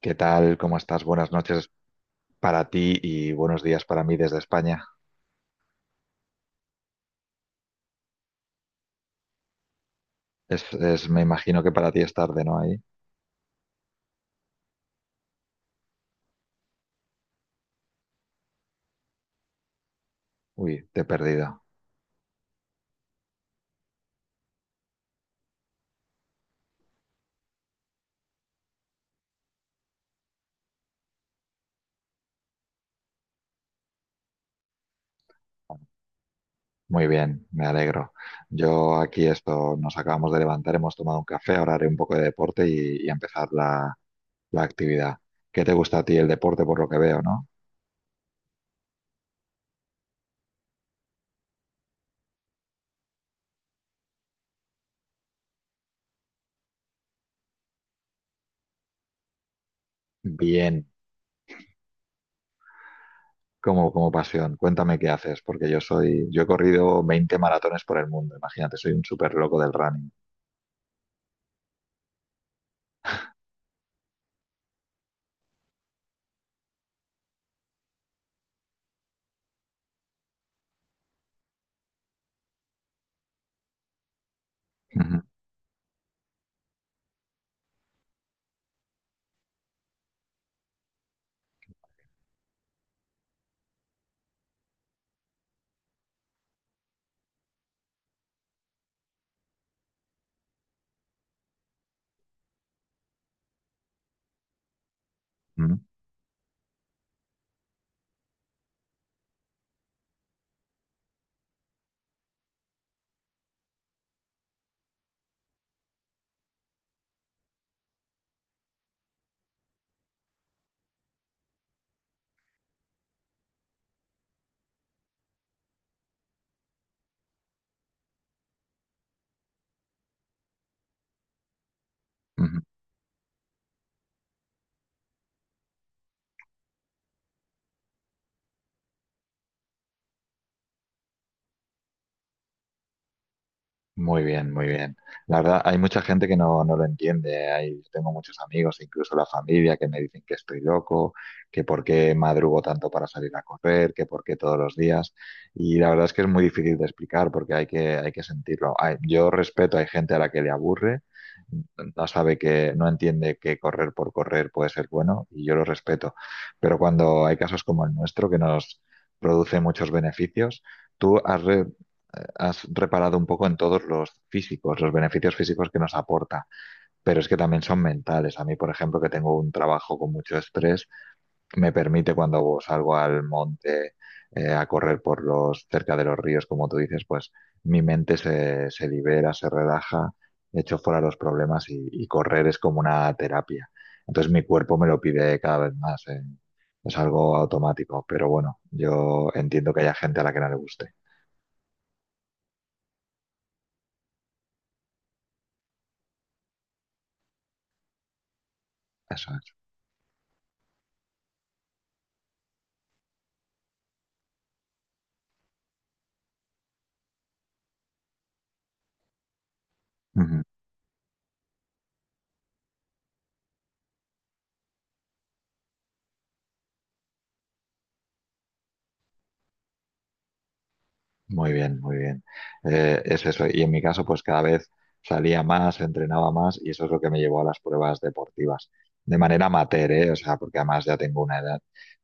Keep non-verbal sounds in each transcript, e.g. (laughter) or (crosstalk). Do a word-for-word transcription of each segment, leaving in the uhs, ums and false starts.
¿Qué tal? ¿Cómo estás? Buenas noches para ti y buenos días para mí desde España. Es, es- me imagino que para ti es tarde, ¿no? Ahí. Uy, te he perdido. Muy bien, me alegro. Yo aquí esto, nos acabamos de levantar, hemos tomado un café, ahora haré un poco de deporte y, y empezar la, la actividad. ¿Qué te gusta a ti el deporte por lo que veo, ¿no? Bien, como, como pasión. Cuéntame qué haces, porque yo soy, yo he corrido veinte maratones por el mundo, imagínate, soy un súper loco del running. Ujú, ujú, ujú. Muy bien, muy bien. La verdad, hay mucha gente que no, no lo entiende. Hay, tengo muchos amigos, incluso la familia, que me dicen que estoy loco, que por qué madrugo tanto para salir a correr, que por qué todos los días. Y la verdad es que es muy difícil de explicar porque hay que, hay que sentirlo. Hay- yo respeto, hay gente a la que le aburre, no sabe que, no entiende que correr por correr puede ser bueno y yo lo respeto. Pero cuando hay casos como el nuestro que nos produce muchos beneficios, ¿tú has, re- has reparado un poco en todos los físicos, los beneficios físicos que nos aporta, pero es que también son mentales? A mí, por ejemplo, que tengo un trabajo con mucho estrés, me permite cuando salgo al monte eh, a correr por los cerca de los ríos, como tú dices, pues mi mente se, se libera, se relaja, echo fuera los problemas y, y correr es como una terapia. Entonces mi cuerpo me lo pide cada vez más. eh. Es algo automático, pero bueno, yo entiendo que haya gente a la que no le guste. Eso es. Ujú. Muy bien, muy bien. Eh, es eso. Y en mi caso, pues cada vez salía más, entrenaba más y eso es lo que me llevó a las pruebas deportivas. De manera amateur, ¿eh? O sea, porque además ya tengo una edad.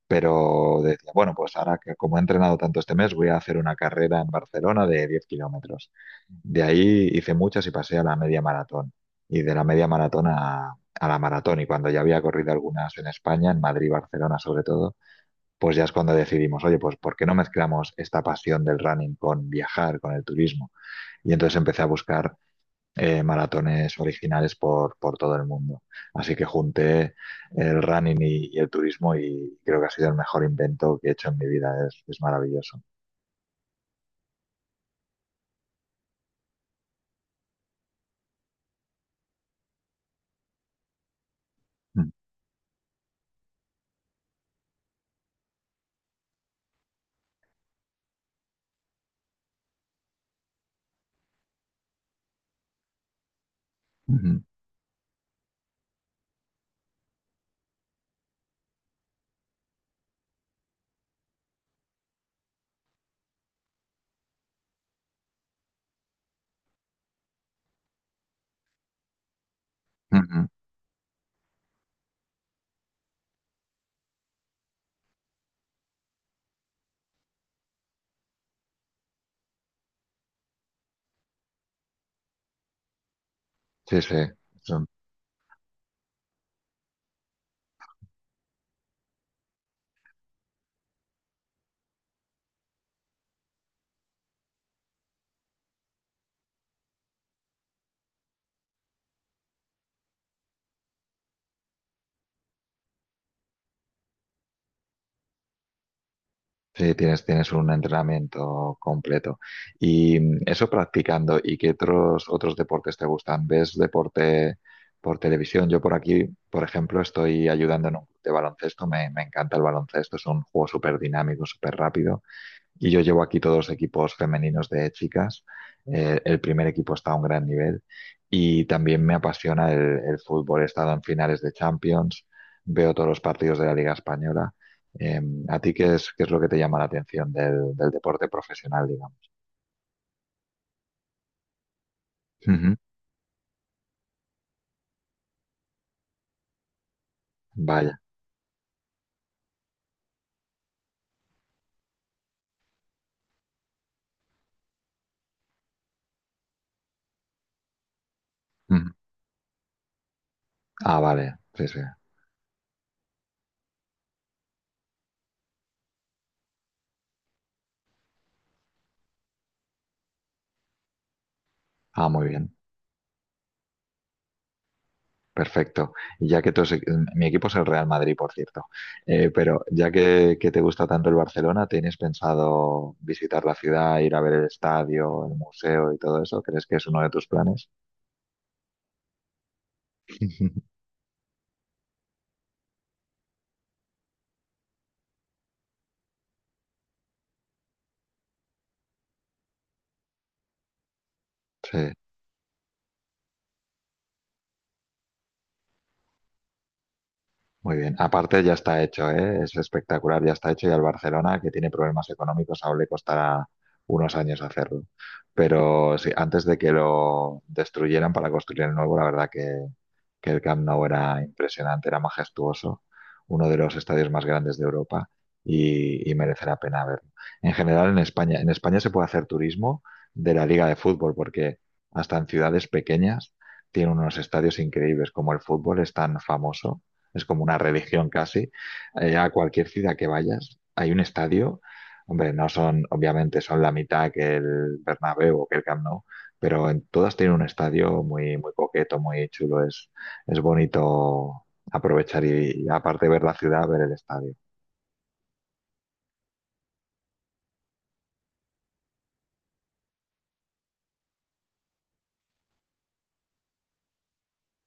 Pero decía, bueno, pues ahora que como he entrenado tanto este mes, voy a hacer una carrera en Barcelona de diez kilómetros. De ahí hice muchas y pasé a la media maratón. Y de la media maratón a, a la maratón. Y cuando ya había corrido algunas en España, en Madrid, Barcelona sobre todo, pues ya es cuando decidimos, oye, pues ¿por qué no mezclamos esta pasión del running con viajar, con el turismo? Y entonces empecé a buscar eh, maratones originales por, por, todo el mundo. Así que junté el running y, y, el turismo y creo que ha sido el mejor invento que he hecho en mi vida. Es, es maravilloso. Mm -hmm. Mm -hmm. Sí, sí. Sí, tienes, tienes un entrenamiento completo. Y mm, eso practicando, ¿y qué otros, otros deportes te gustan? ¿Ves deporte por televisión? Yo por aquí, por ejemplo, estoy ayudando en un club de baloncesto. Me, me encanta el baloncesto, es un juego súper dinámico, súper rápido y yo llevo aquí todos los equipos femeninos de chicas. Eh, el primer equipo está a un gran nivel y también me apasiona el, el fútbol. He estado en finales de Champions, veo todos los partidos de la Liga Española. Eh, ¿A ti qué es, qué es lo que te llama la atención del, del deporte profesional, digamos? Ujú, vaya. Ujú. Ah, vale. Sí, sí. Ah, muy bien. Perfecto. Y ya que tu se- mi equipo es el Real Madrid, por cierto. Eh, pero ya que, que te gusta tanto el Barcelona, ¿tienes pensado visitar la ciudad, ir a ver el estadio, el museo y todo eso? ¿Crees que es uno de tus planes? (laughs) Sí. Muy bien, aparte ya está hecho, ¿eh? Es espectacular, ya está hecho y al Barcelona, que tiene problemas económicos, aún le costará unos años hacerlo. Pero sí, antes de que lo destruyeran para construir el nuevo, la verdad que, que el Camp Nou era impresionante, era majestuoso, uno de los estadios más grandes de Europa y, y merece la pena verlo. En general, en España, en España se puede hacer turismo de la Liga de Fútbol, porque hasta en ciudades pequeñas tiene unos estadios increíbles, como el fútbol es tan famoso es como una religión casi. Eh, a cualquier ciudad que vayas, hay un estadio. Hombre, no son, obviamente, son la mitad que el Bernabéu o que el Camp Nou, pero en todas tienen un estadio muy, muy coqueto, muy chulo. Es, es bonito aprovechar y, y aparte de ver la ciudad, ver el estadio.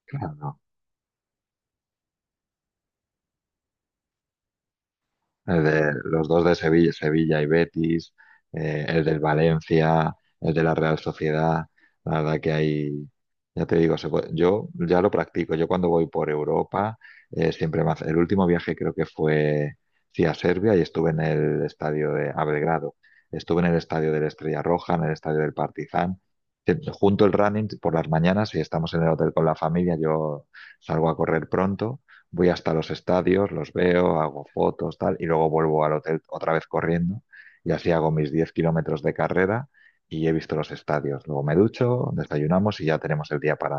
Claro, no. El de los dos de Sevilla, Sevilla y Betis, eh, el del Valencia, el de la Real Sociedad. La verdad que hay, ya te digo. Se puede- yo ya lo practico. Yo cuando voy por Europa, eh, siempre más. El último viaje creo que fue, sí, a Serbia y estuve en el estadio de a Belgrado. Estuve en el estadio de la Estrella Roja, en el estadio del Partizan. Eh, Junto el running por las mañanas, si estamos en el hotel con la familia, yo salgo a correr pronto, voy hasta los estadios, los veo, hago fotos, tal, y luego vuelvo al hotel otra vez corriendo y así hago mis diez kilómetros de carrera y he visto los estadios. Luego me ducho, desayunamos y ya tenemos el día para,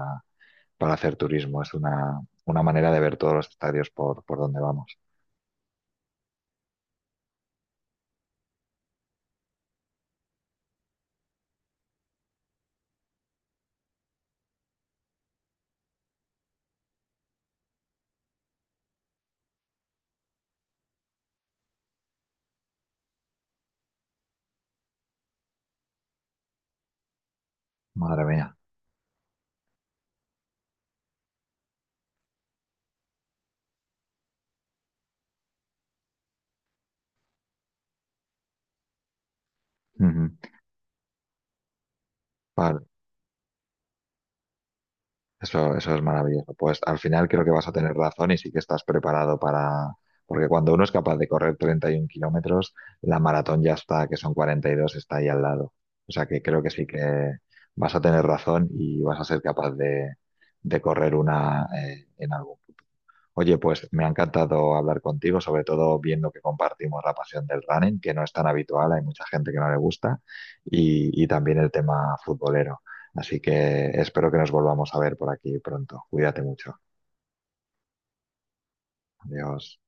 para hacer turismo. Es una, una manera de ver todos los estadios por, por donde vamos. Madre mía. Ujú. Vale. Eso, eso es maravilloso. Pues al final creo que vas a tener razón y sí que estás preparado para. Porque cuando uno es capaz de correr treinta y un kilómetros, la maratón ya está, que son cuarenta y dos, está ahí al lado. O sea que creo que sí que vas a tener razón y vas a ser capaz de, de correr una eh, en algún. Oye, pues me ha encantado hablar contigo, sobre todo viendo que compartimos la pasión del running, que no es tan habitual, hay mucha gente que no le gusta, y, y también el tema futbolero. Así que espero que nos volvamos a ver por aquí pronto. Cuídate mucho. Adiós.